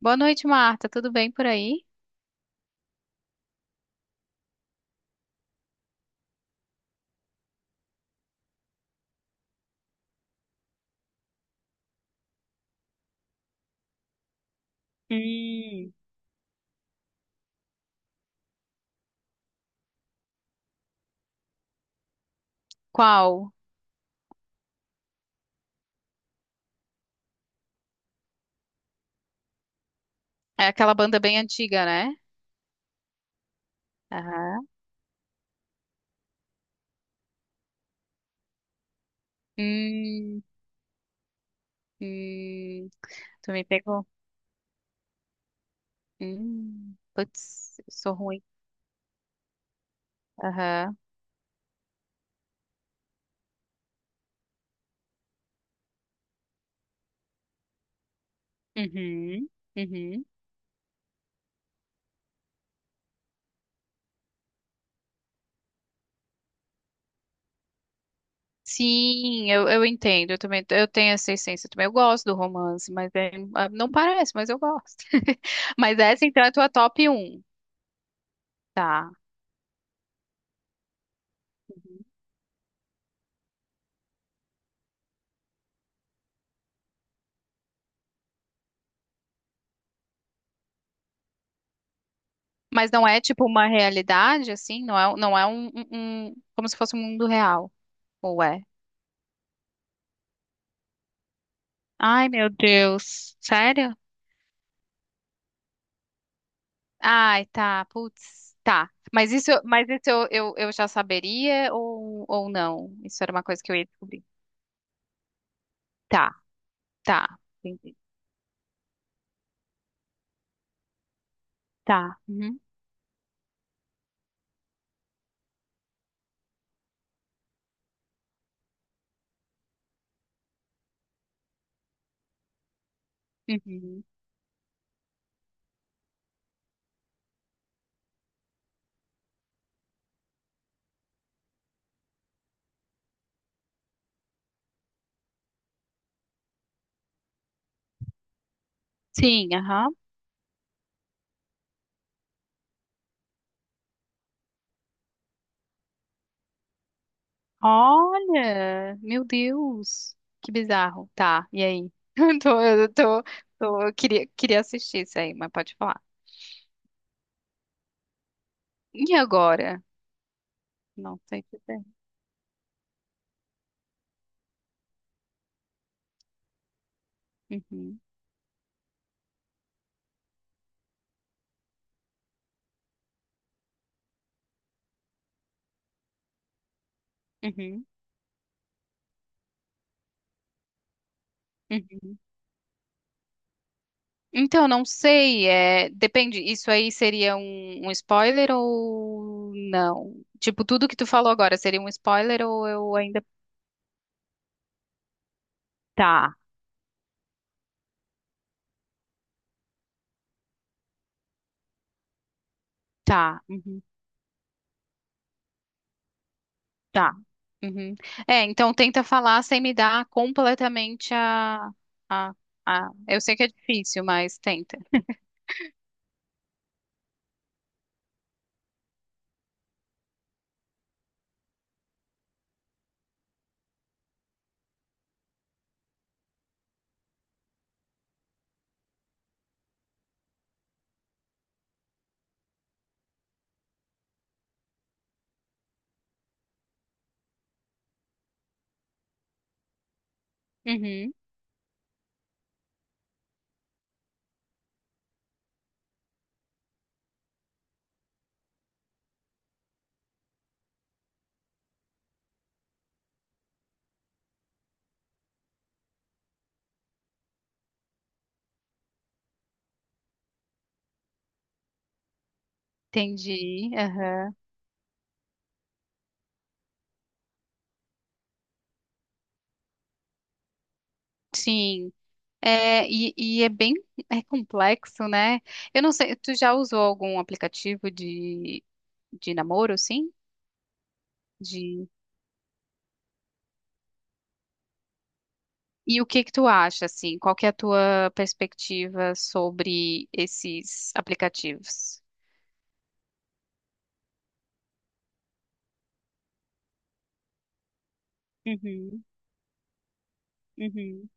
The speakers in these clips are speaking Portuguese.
Boa noite, Marta. Tudo bem por aí? Hum. Qual? É aquela banda bem antiga, né? Aham. Hum, hum, tu me pegou? Putz, eu sou ruim. Aham. Uhum, uhum. Sim, eu entendo. Eu também, eu tenho essa essência também. Eu gosto do romance, mas ah, não parece, mas eu gosto. Mas essa então é a tua top um, tá? Uhum. Mas não é tipo uma realidade, assim? Não é, não é como se fosse um mundo real. Ué. Ai, meu Deus. Sério? Ai, tá. Putz, tá. Mas isso eu já saberia ou não? Isso era uma coisa que eu ia descobrir. Tá, tá. Entendi. Tá. Uhum. Uhum. Sim, aham. Olha, meu Deus. Que bizarro. Tá, e aí? Eu tô, eu queria assistir isso aí, mas pode falar. E agora? Não sei dizer. Uhum, uhum, uhum. Então, não sei, é, depende, isso aí seria um spoiler ou não? Tipo, tudo que tu falou agora seria um spoiler ou eu ainda... Tá, tá, uhum, tá. Uhum. É, então tenta falar sem me dar completamente a, Eu sei que é difícil, mas tenta. Uhum, entendi, aham. Sim. É, e é bem é complexo, né? Eu não sei, tu já usou algum aplicativo de namoro, sim? Entendi. E o que que tu acha, assim? Qual que é a tua perspectiva sobre esses aplicativos? Uhum, uhum,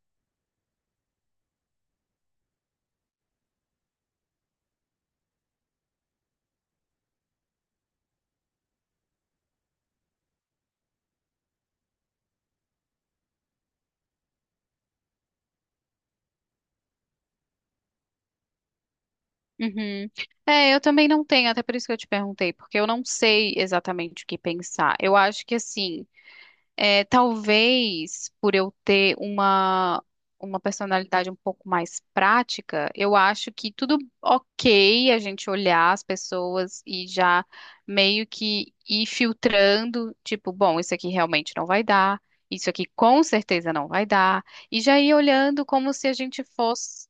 uhum. É, eu também não tenho, até por isso que eu te perguntei, porque eu não sei exatamente o que pensar. Eu acho que, assim, é, talvez por eu ter uma personalidade um pouco mais prática, eu acho que tudo ok a gente olhar as pessoas e já meio que ir filtrando, tipo, bom, isso aqui realmente não vai dar, isso aqui com certeza não vai dar, e já ir olhando como se a gente fosse.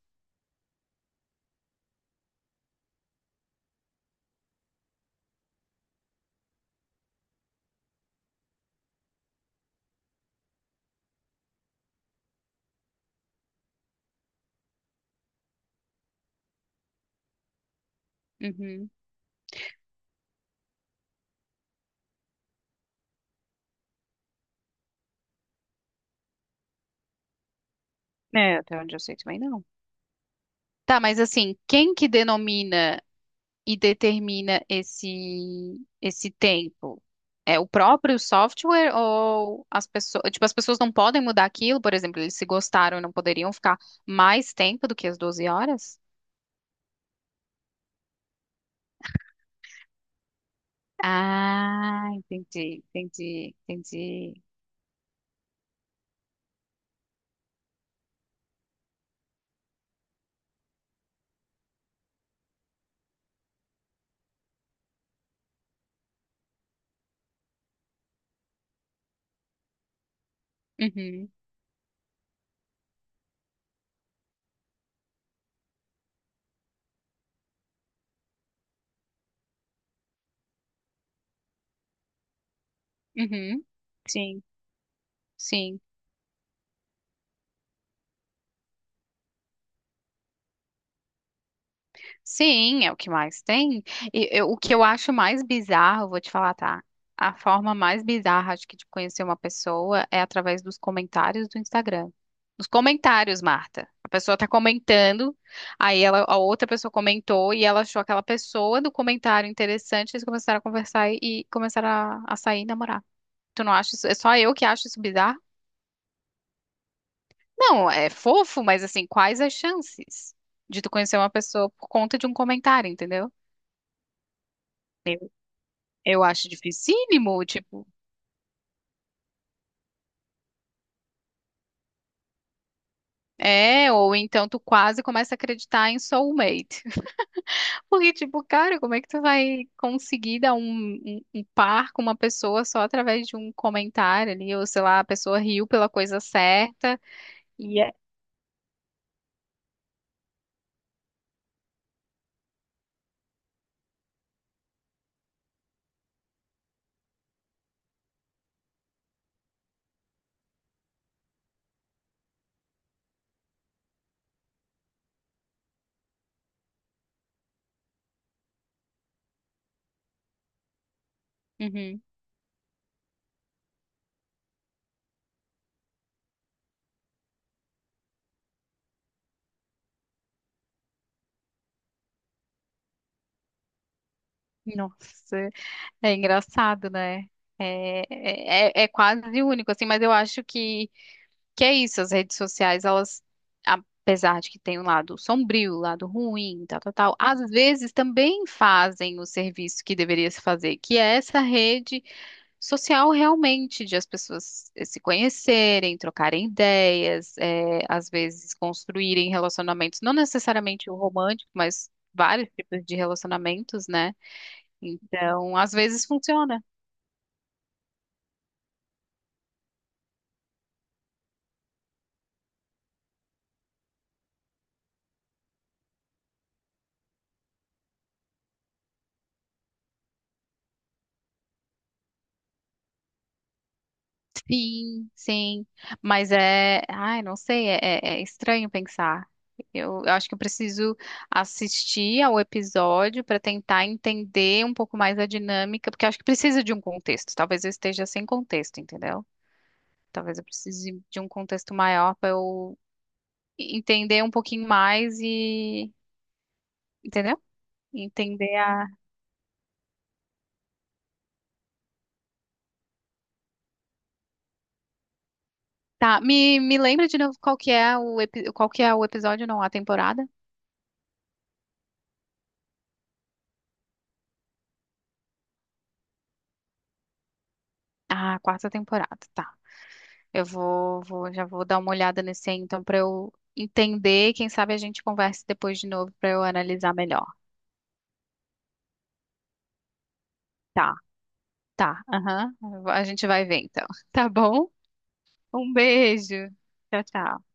Uhum. É, até onde eu sei também não. Tá, mas assim, quem que denomina e determina esse tempo? É o próprio software ou as pessoas, tipo, as pessoas não podem mudar aquilo, por exemplo, eles se gostaram e não poderiam ficar mais tempo do que as 12 horas? Ah, entendi, entendi, entendi. Uhum, uhum. Sim, sim. Sim, é o que mais tem. O que eu acho mais bizarro, vou te falar, tá? A forma mais bizarra, acho que, de conhecer uma pessoa é através dos comentários do Instagram. Nos comentários, Marta. A pessoa tá comentando, a outra pessoa comentou e ela achou aquela pessoa do comentário interessante, eles começaram a conversar e começaram a sair e namorar. Tu não acha isso? É só eu que acho isso bizarro? Não, é fofo, mas assim, quais as chances de tu conhecer uma pessoa por conta de um comentário, entendeu? Eu acho dificílimo, tipo, é, ou então tu quase começa a acreditar em soulmate. Porque, tipo, cara, como é que tu vai conseguir dar um par com uma pessoa só através de um comentário ali, ou sei lá, a pessoa riu pela coisa certa. E é. Uhum. Nossa, é engraçado, né? É quase único, assim, mas eu acho que... Que é isso, as redes sociais, elas, apesar de que tem um lado sombrio, um lado ruim, tal, tal, tal, às vezes também fazem o serviço que deveria se fazer, que é essa rede social realmente, de as pessoas se conhecerem, trocarem ideias, às vezes construírem relacionamentos, não necessariamente o romântico, mas vários tipos de relacionamentos, né? Então, às vezes funciona. Sim, sim. Mas é. Ai, não sei, é estranho pensar. Eu acho que eu preciso assistir ao episódio para tentar entender um pouco mais a dinâmica, porque eu acho que precisa de um contexto. Talvez eu esteja sem contexto, entendeu? Talvez eu precise de um contexto maior para eu entender um pouquinho mais e. Entendeu? Entender a. Tá, me lembra de novo qual que é o, qual que é o episódio, não, a temporada? Ah, a quarta temporada, tá. Eu já vou dar uma olhada nesse aí, então, para eu entender. Quem sabe a gente converse depois de novo para eu analisar melhor. Tá, tá. Aham. A gente vai ver então. Tá bom? Um beijo. Tchau, tchau.